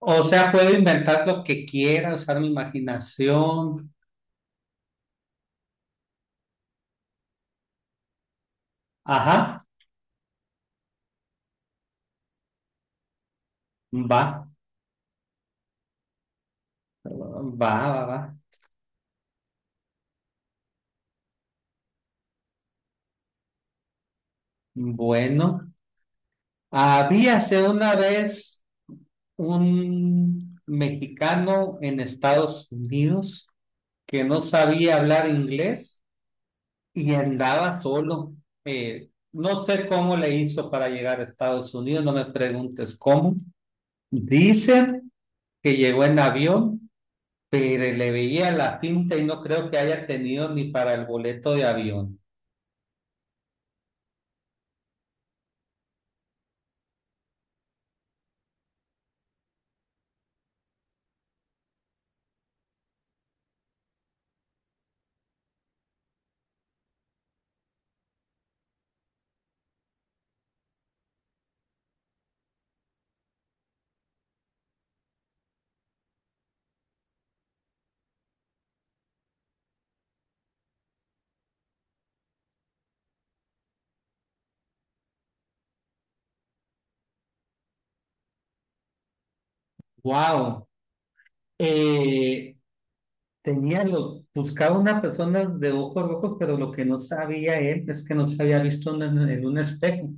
O sea, puedo inventar lo que quiera, usar mi imaginación. Ajá, va, va, va, va. Bueno, habíase una vez un mexicano en Estados Unidos que no sabía hablar inglés y andaba solo. No sé cómo le hizo para llegar a Estados Unidos, no me preguntes cómo. Dicen que llegó en avión, pero le veía la pinta y no creo que haya tenido ni para el boleto de avión. Wow. Eh, Buscaba una persona de ojos rojos, pero lo que no sabía él es que no se había visto en un espejo.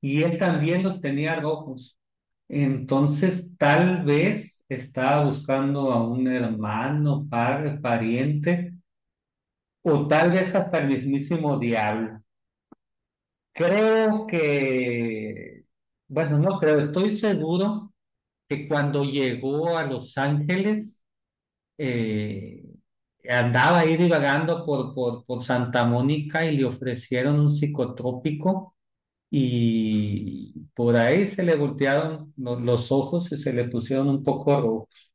Y él también los tenía rojos. Entonces, tal vez estaba buscando a un hermano, padre, pariente, o tal vez hasta el mismísimo diablo. Creo que, bueno, no creo, estoy seguro que cuando llegó a Los Ángeles, eh, andaba ahí divagando por Santa Mónica y le ofrecieron un psicotrópico y por ahí se le voltearon los ojos y se le pusieron un poco rojos.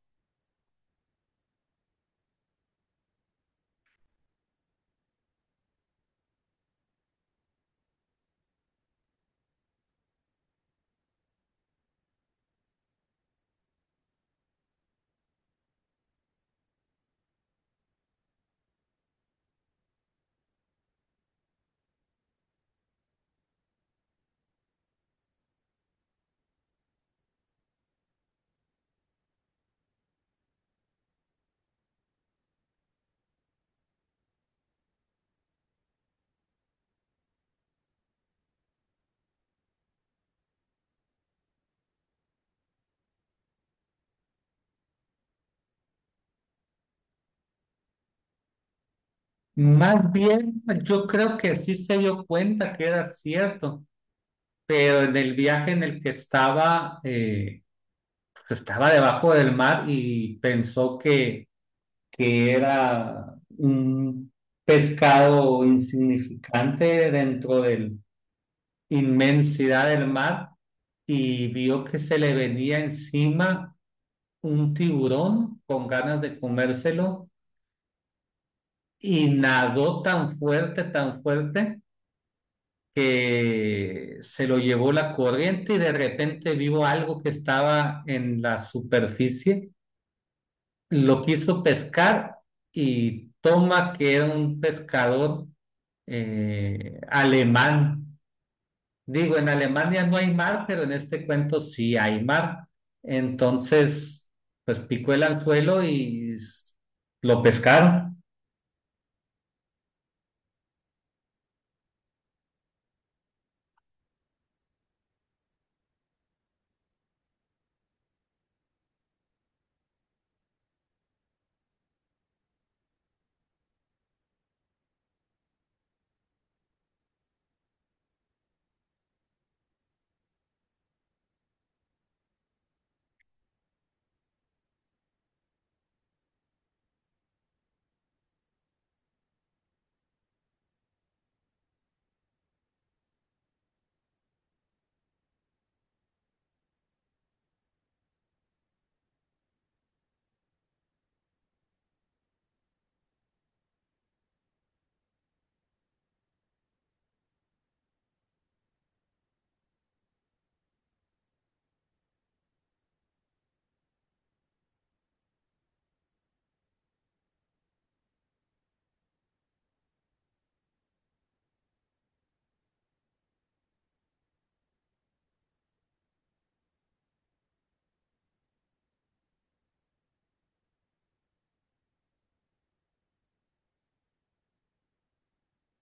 Más bien, yo creo que sí se dio cuenta que era cierto, pero en el viaje en el que estaba, pues, estaba debajo del mar y pensó que era un pescado insignificante dentro de la inmensidad del mar y vio que se le venía encima un tiburón con ganas de comérselo y nadó tan fuerte, tan fuerte, que se lo llevó la corriente y de repente vio algo que estaba en la superficie. Lo quiso pescar y toma que era un pescador alemán. Digo, en Alemania no hay mar, pero en este cuento sí hay mar. Entonces, pues picó el anzuelo y lo pescaron.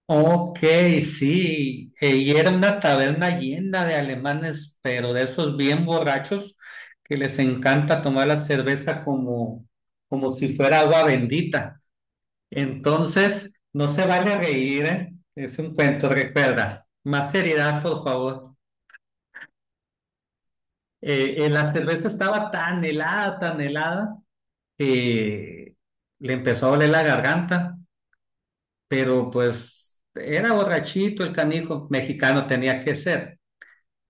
Ok, sí. Y era una taberna llena de alemanes, pero de esos bien borrachos que les encanta tomar la cerveza como, como si fuera agua bendita. Entonces, no se vale reír, ¿eh? Es un cuento, recuerda. Más seriedad, por favor. La cerveza estaba tan helada, que le empezó a doler la garganta, pero pues era borrachito el canijo, mexicano tenía que ser.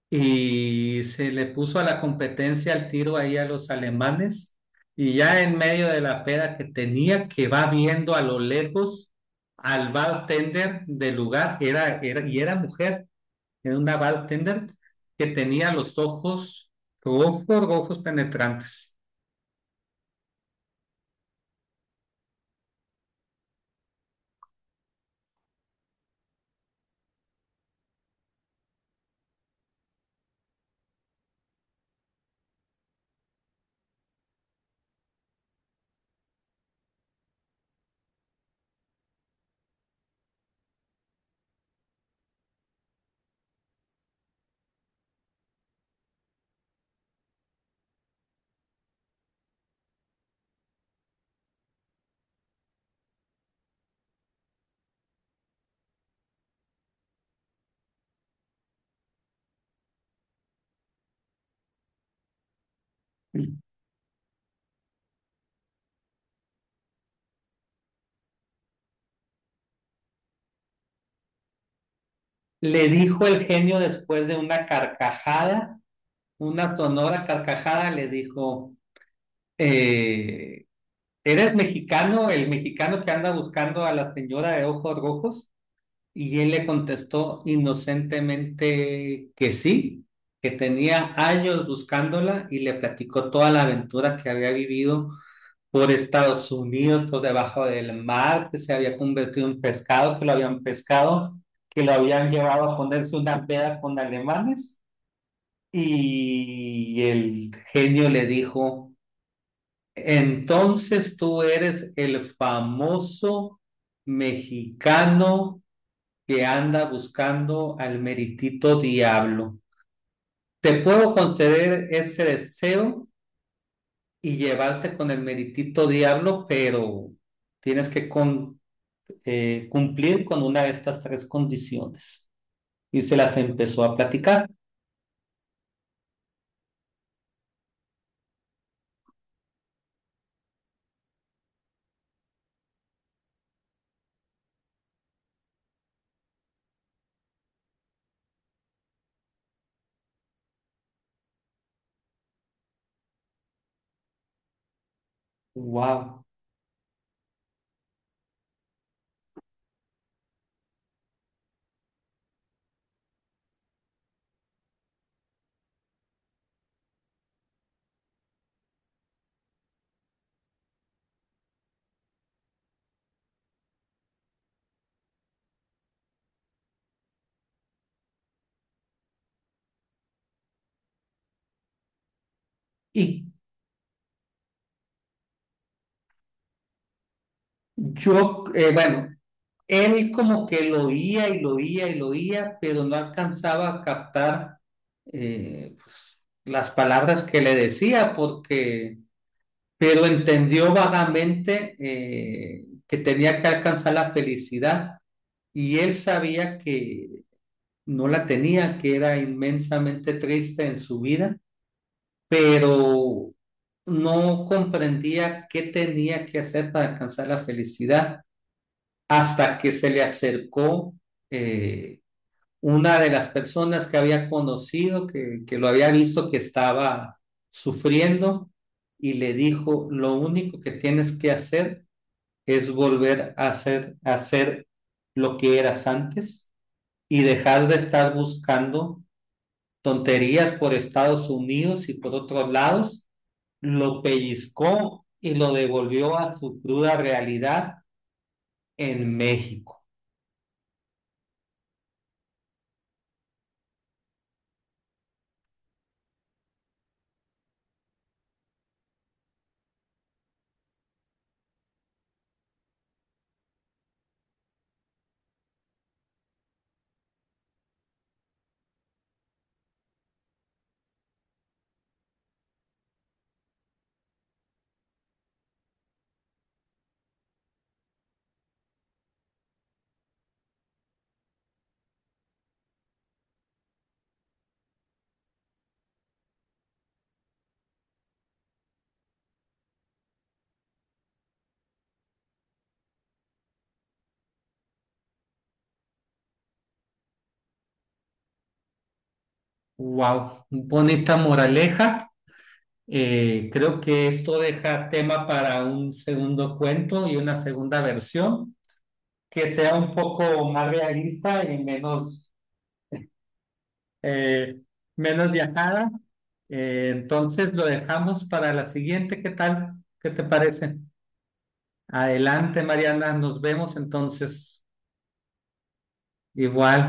Y se le puso a la competencia el tiro ahí a los alemanes y ya en medio de la peda que tenía, que va viendo a lo lejos al bartender del lugar. Era mujer, era una bartender que tenía los ojos rojos, rojos, penetrantes. Le dijo el genio, después de una carcajada, una sonora carcajada, le dijo, eh, ¿eres mexicano, el mexicano que anda buscando a la señora de ojos rojos? Y él le contestó inocentemente que sí, que tenía años buscándola, y le platicó toda la aventura que había vivido por Estados Unidos, por debajo del mar, que se había convertido en pescado, que lo habían pescado, que lo habían llevado a ponerse una peda con alemanes. Y el genio le dijo: entonces tú eres el famoso mexicano que anda buscando al meritito diablo. Te puedo conceder ese deseo y llevarte con el meritito diablo, pero tienes que cumplir con una de estas tres condiciones. Y se las empezó a platicar. Wow. Y yo, eh, bueno, Él como que lo oía y lo oía y lo oía, pero no alcanzaba a captar, pues, las palabras que le decía, porque, pero entendió vagamente, que tenía que alcanzar la felicidad, y él sabía que no la tenía, que era inmensamente triste en su vida, pero no comprendía qué tenía que hacer para alcanzar la felicidad hasta que se le acercó, eh, una de las personas que había conocido, que lo había visto que estaba sufriendo, y le dijo, lo único que tienes que hacer es volver a hacer lo que eras antes y dejar de estar buscando tonterías por Estados Unidos y por otros lados. Lo pellizcó y lo devolvió a su cruda realidad en México. Wow, bonita moraleja. Creo que esto deja tema para un segundo cuento y una segunda versión que sea un poco más realista y menos, eh, menos viajada. Entonces lo dejamos para la siguiente. ¿Qué tal? ¿Qué te parece? Adelante, Mariana. Nos vemos entonces. Igual.